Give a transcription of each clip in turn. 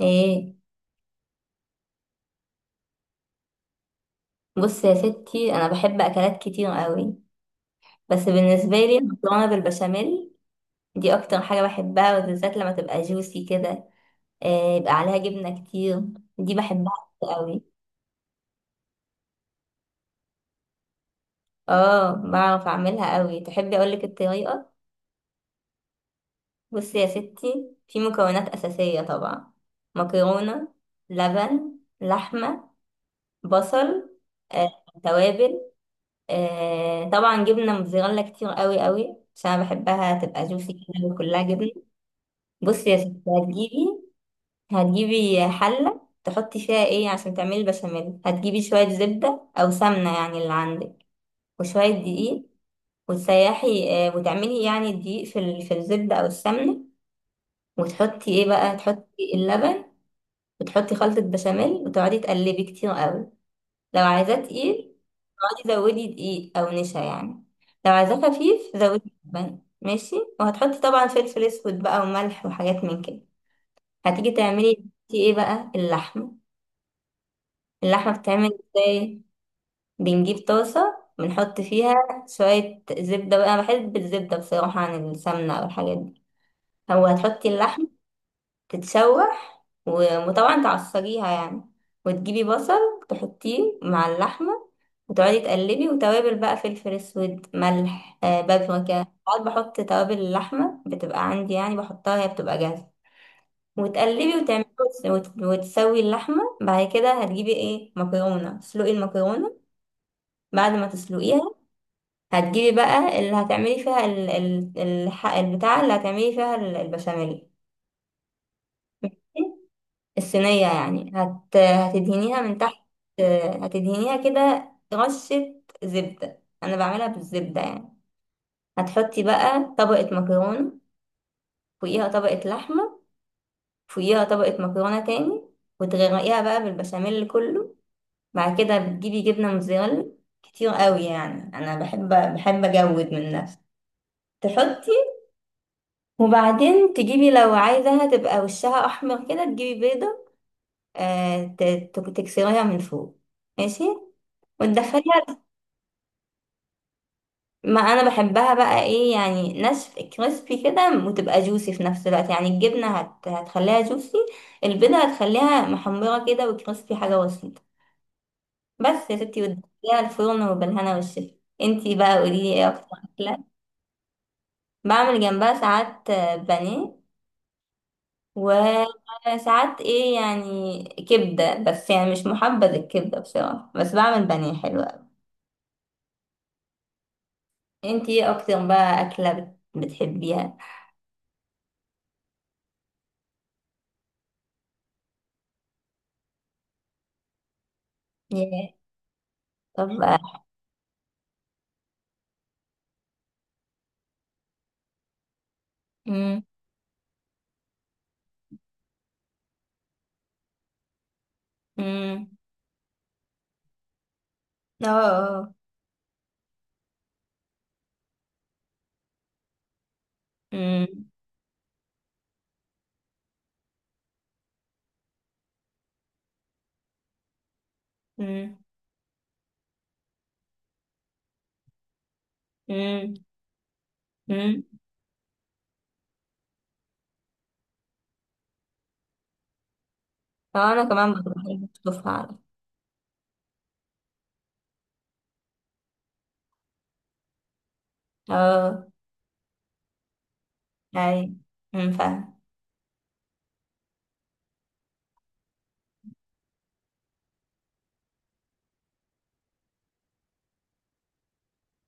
ايه، بص يا ستي، انا بحب اكلات كتير قوي. بس بالنسبه لي المكرونه بالبشاميل دي اكتر حاجه بحبها، وبالذات لما تبقى جوسي كده. إيه يبقى عليها جبنه كتير. دي بحبها قوي. اه، بعرف اعملها قوي. تحبي اقولك الطريقه؟ بص يا ستي، في مكونات اساسيه طبعا: مكرونه، لبن، لحمه، بصل، توابل، طبعا جبنه موتزاريلا كتير قوي قوي عشان انا بحبها تبقى جوسي كده وكلها جبنه. بصي يا ستي، هتجيبي حلة تحطي فيها ايه عشان تعملي البشاميل. هتجيبي شوية زبدة أو سمنة، يعني اللي عندك، وشوية دقيق، وتسيحي، وتعملي يعني الدقيق في الزبدة أو السمنة. وتحطي ايه بقى؟ تحطي اللبن، وتحطي خلطة بشاميل، وتقعدي تقلبي كتير قوي. لو عايزاه تقيل، تقعدي زودي دقيق أو نشا يعني. لو عايزاه خفيف، زودي لبن. ماشي. وهتحطي طبعا فلفل أسود بقى وملح وحاجات من كده. هتيجي تعملي انتي ايه بقى؟ اللحمة. اللحمة بتتعمل ازاي؟ بنجيب طاسة، بنحط فيها شوية زبدة بقى، أنا بحب الزبدة بصراحة عن السمنة أو الحاجات دي. هو هتحطي اللحم تتشوح وطبعا تعصريها يعني. وتجيبي بصل تحطيه مع اللحمة، وتقعدي تقلبي. وتوابل بقى، فلفل اسود، ملح، آه بابريكا. ساعات بحط توابل اللحمة بتبقى عندي يعني، بحطها هي بتبقى جاهزة، وتقلبي وتعملي وتسوي اللحمة. بعد كده هتجيبي ايه؟ مكرونة. تسلقي المكرونة. بعد ما تسلقيها، هتجيبي بقى اللي هتعملي فيها البتاع، اللي هتعملي فيها البشاميل، الصينية يعني. هتدهنيها من تحت، هتدهنيها كده رشة زبدة، أنا بعملها بالزبدة يعني. هتحطي بقى طبقة مكرونة، فوقيها طبقة لحمة، فوقيها طبقة مكرونة تاني، وتغرقيها بقى بالبشاميل كله. بعد كده بتجيبي جبنة موتزاريلا كتير قوي، يعني انا بحب بحب اجود من نفسي. تحطي، وبعدين تجيبي، لو عايزاها تبقى وشها احمر كده، تجيبي بيضة، آه ت- تكسريها من فوق. ماشي. وتدخليها. ما انا بحبها بقى، ايه يعني، ناشف كريسبي كده، وتبقى جوسي في نفس الوقت. يعني الجبنة هتخليها جوسي، البيضة هتخليها محمرة كده وكريسبي. حاجة بسيطة بس يا ستي، وتدخليها الفرن وبالهنا والشفا. انتي بقى قوليلي ايه اكتر. بعمل جنبها ساعات بانيه، وساعات ايه يعني كبدة، بس يعني مش محبذ الكبدة بصراحة، بس بعمل بانيه حلو أوي. انتي ايه اكتر بقى أكلة بتحبيها؟ ياه. طب بقى. مم. مم. اه. آه. مم. مم. مم. مم. اه، انا كمان برضه بحب اشوفها على. اه. اي. مم، فاهم.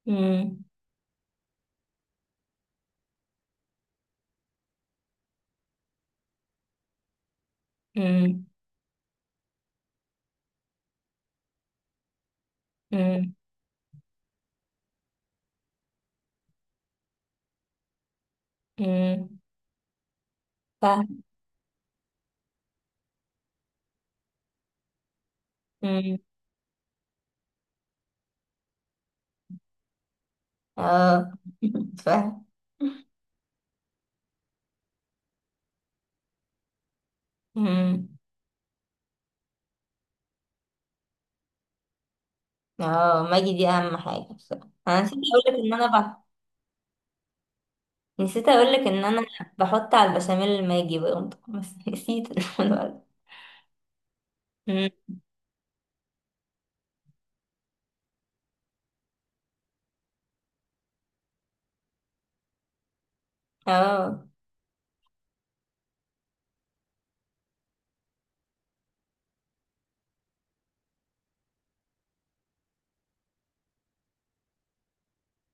مم. مم. مم. مم، فاهم. مم. اه، فاهم. مم. اه، ماجي دي اهم حاجة بصراحة، انا نسيت اقولك ان انا نسيت اقولك ان انا بحط على البشاميل الماجي برضه، بس نسيت. الولد. اه.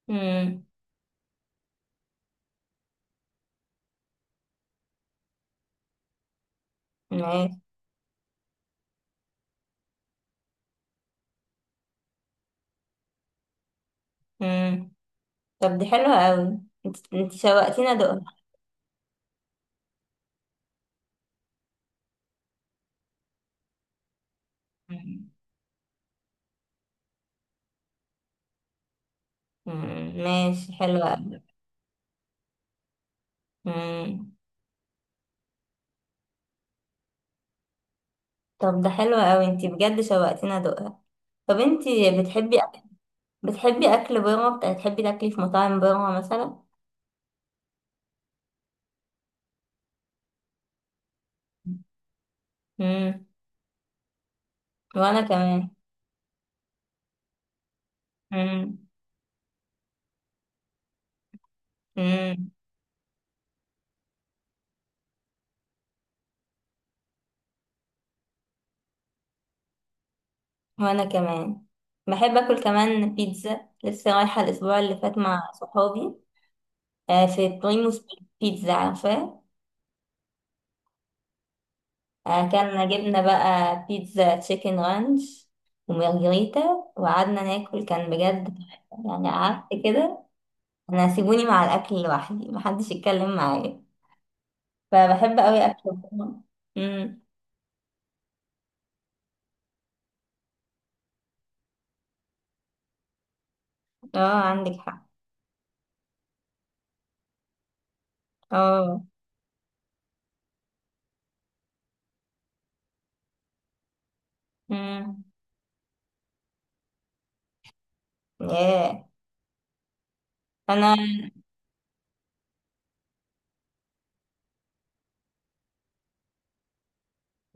مم. ماشي. مم. طب دي حلوة اوي، انت شوقتيني ادوقها. مم. مم. ماشي، حلوة اوي. مم. طب ده حلو اوي، انت بجد شوقتيني ادوقها. طب انت بتحبي أك... بتحبي اكل بره؟ بتحبي تاكلي في مطاعم بره مثلا؟ مم. وانا كمان. مم. مم. وانا كمان بحب اكل. كمان بيتزا، لسه رايحه الاسبوع اللي فات مع صحابي في بريموس. بيتزا، عارفاه. اكلنا، جبنا بقى بيتزا تشيكن رانش ومارجريتا، وقعدنا ناكل. كان بجد تحفة. يعني قعدت كده انا، سيبوني مع الاكل لوحدي، محدش يتكلم معايا. فبحب قوي اكل بره. امم. اه، عندك حق. اه. امم. ياه. انا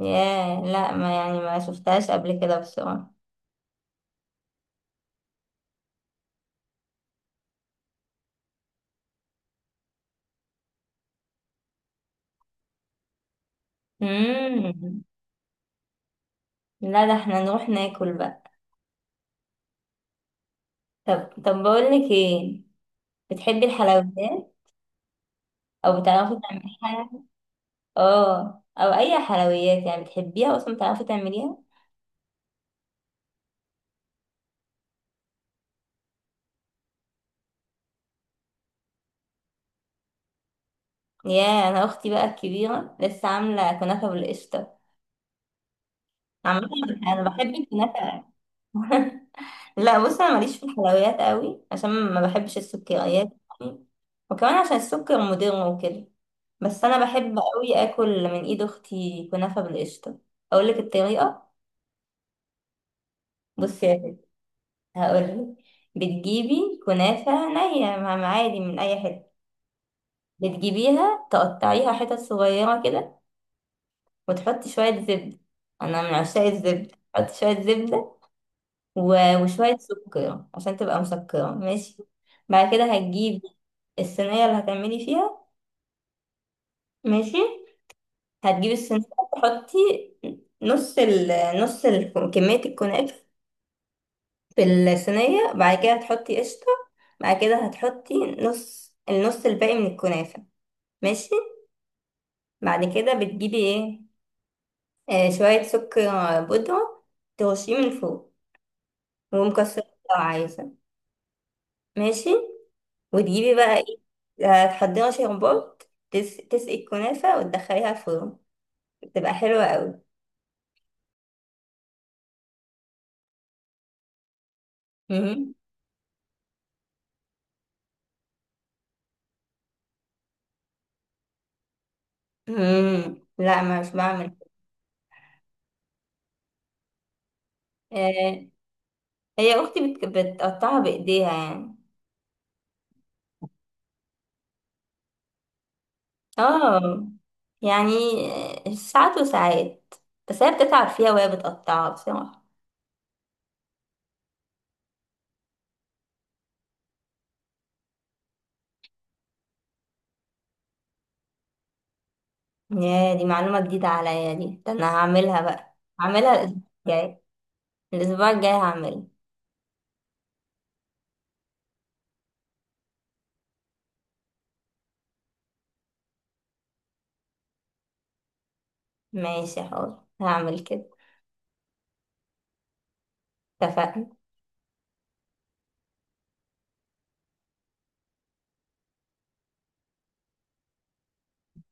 ياه، لا ما يعني ما شفتهاش قبل كده بصراحه. امم. لا، ده احنا نروح ناكل بقى. طب. طب بقول لك ايه، بتحبي الحلويات؟ او بتعرفي تعملي حاجه؟ اه، او اي حلويات يعني بتحبيها اصلا بتعرفي تعمليها؟ يا، انا اختي بقى الكبيره لسه عامله كنافه بالقشطه عامه. انا بحب الكنافه. لا بص، انا ماليش في الحلويات قوي عشان ما بحبش السكريات يعني، وكمان عشان السكر مضر وكده. بس انا بحب قوي اكل من ايد اختي كنافه بالقشطه. اقول لك الطريقه؟ بصي، هقولك. بتجيبي كنافة نية عادي من أي حتة، بتجيبيها تقطعيها حتت صغيرة كده، وتحطي شوية زبدة. أنا من عشاق الزبدة، حطي شوية زبدة وشوية سكر عشان تبقى مسكرة. ماشي. بعد كده هتجيبي الصينية اللي هتعملي فيها. ماشي. هتجيبي الصينية، تحطي نص ال نص ال كمية الكنافة في الصينية. بعد كده هتحطي قشطة. بعد كده هتحطي نص النص الباقي من الكنافة. ماشي. بعد كده بتجيبي ايه؟ آه، شوية سكر بودرة ترشيه من فوق، ومكسرات لو عايزة. ماشي. وتجيبي بقى ايه؟ هتحضري شربات، تسقي الكنافة وتدخليها الفرن. بتبقى حلوة قوي. مهم. مم. لا، ما مش بعمل. آه. هي اختي بتقطعها بايديها يعني. اه يعني، ساعات وساعات. بس هي بتتعب فيها وهي بتقطعها بس. يا، دي معلومة جديدة عليا دي، ده انا هعملها بقى، هعملها الاسبوع الجاي يعني. الاسبوع الجاي هعملها. ماشي، حاضر هعمل كده. اتفقنا.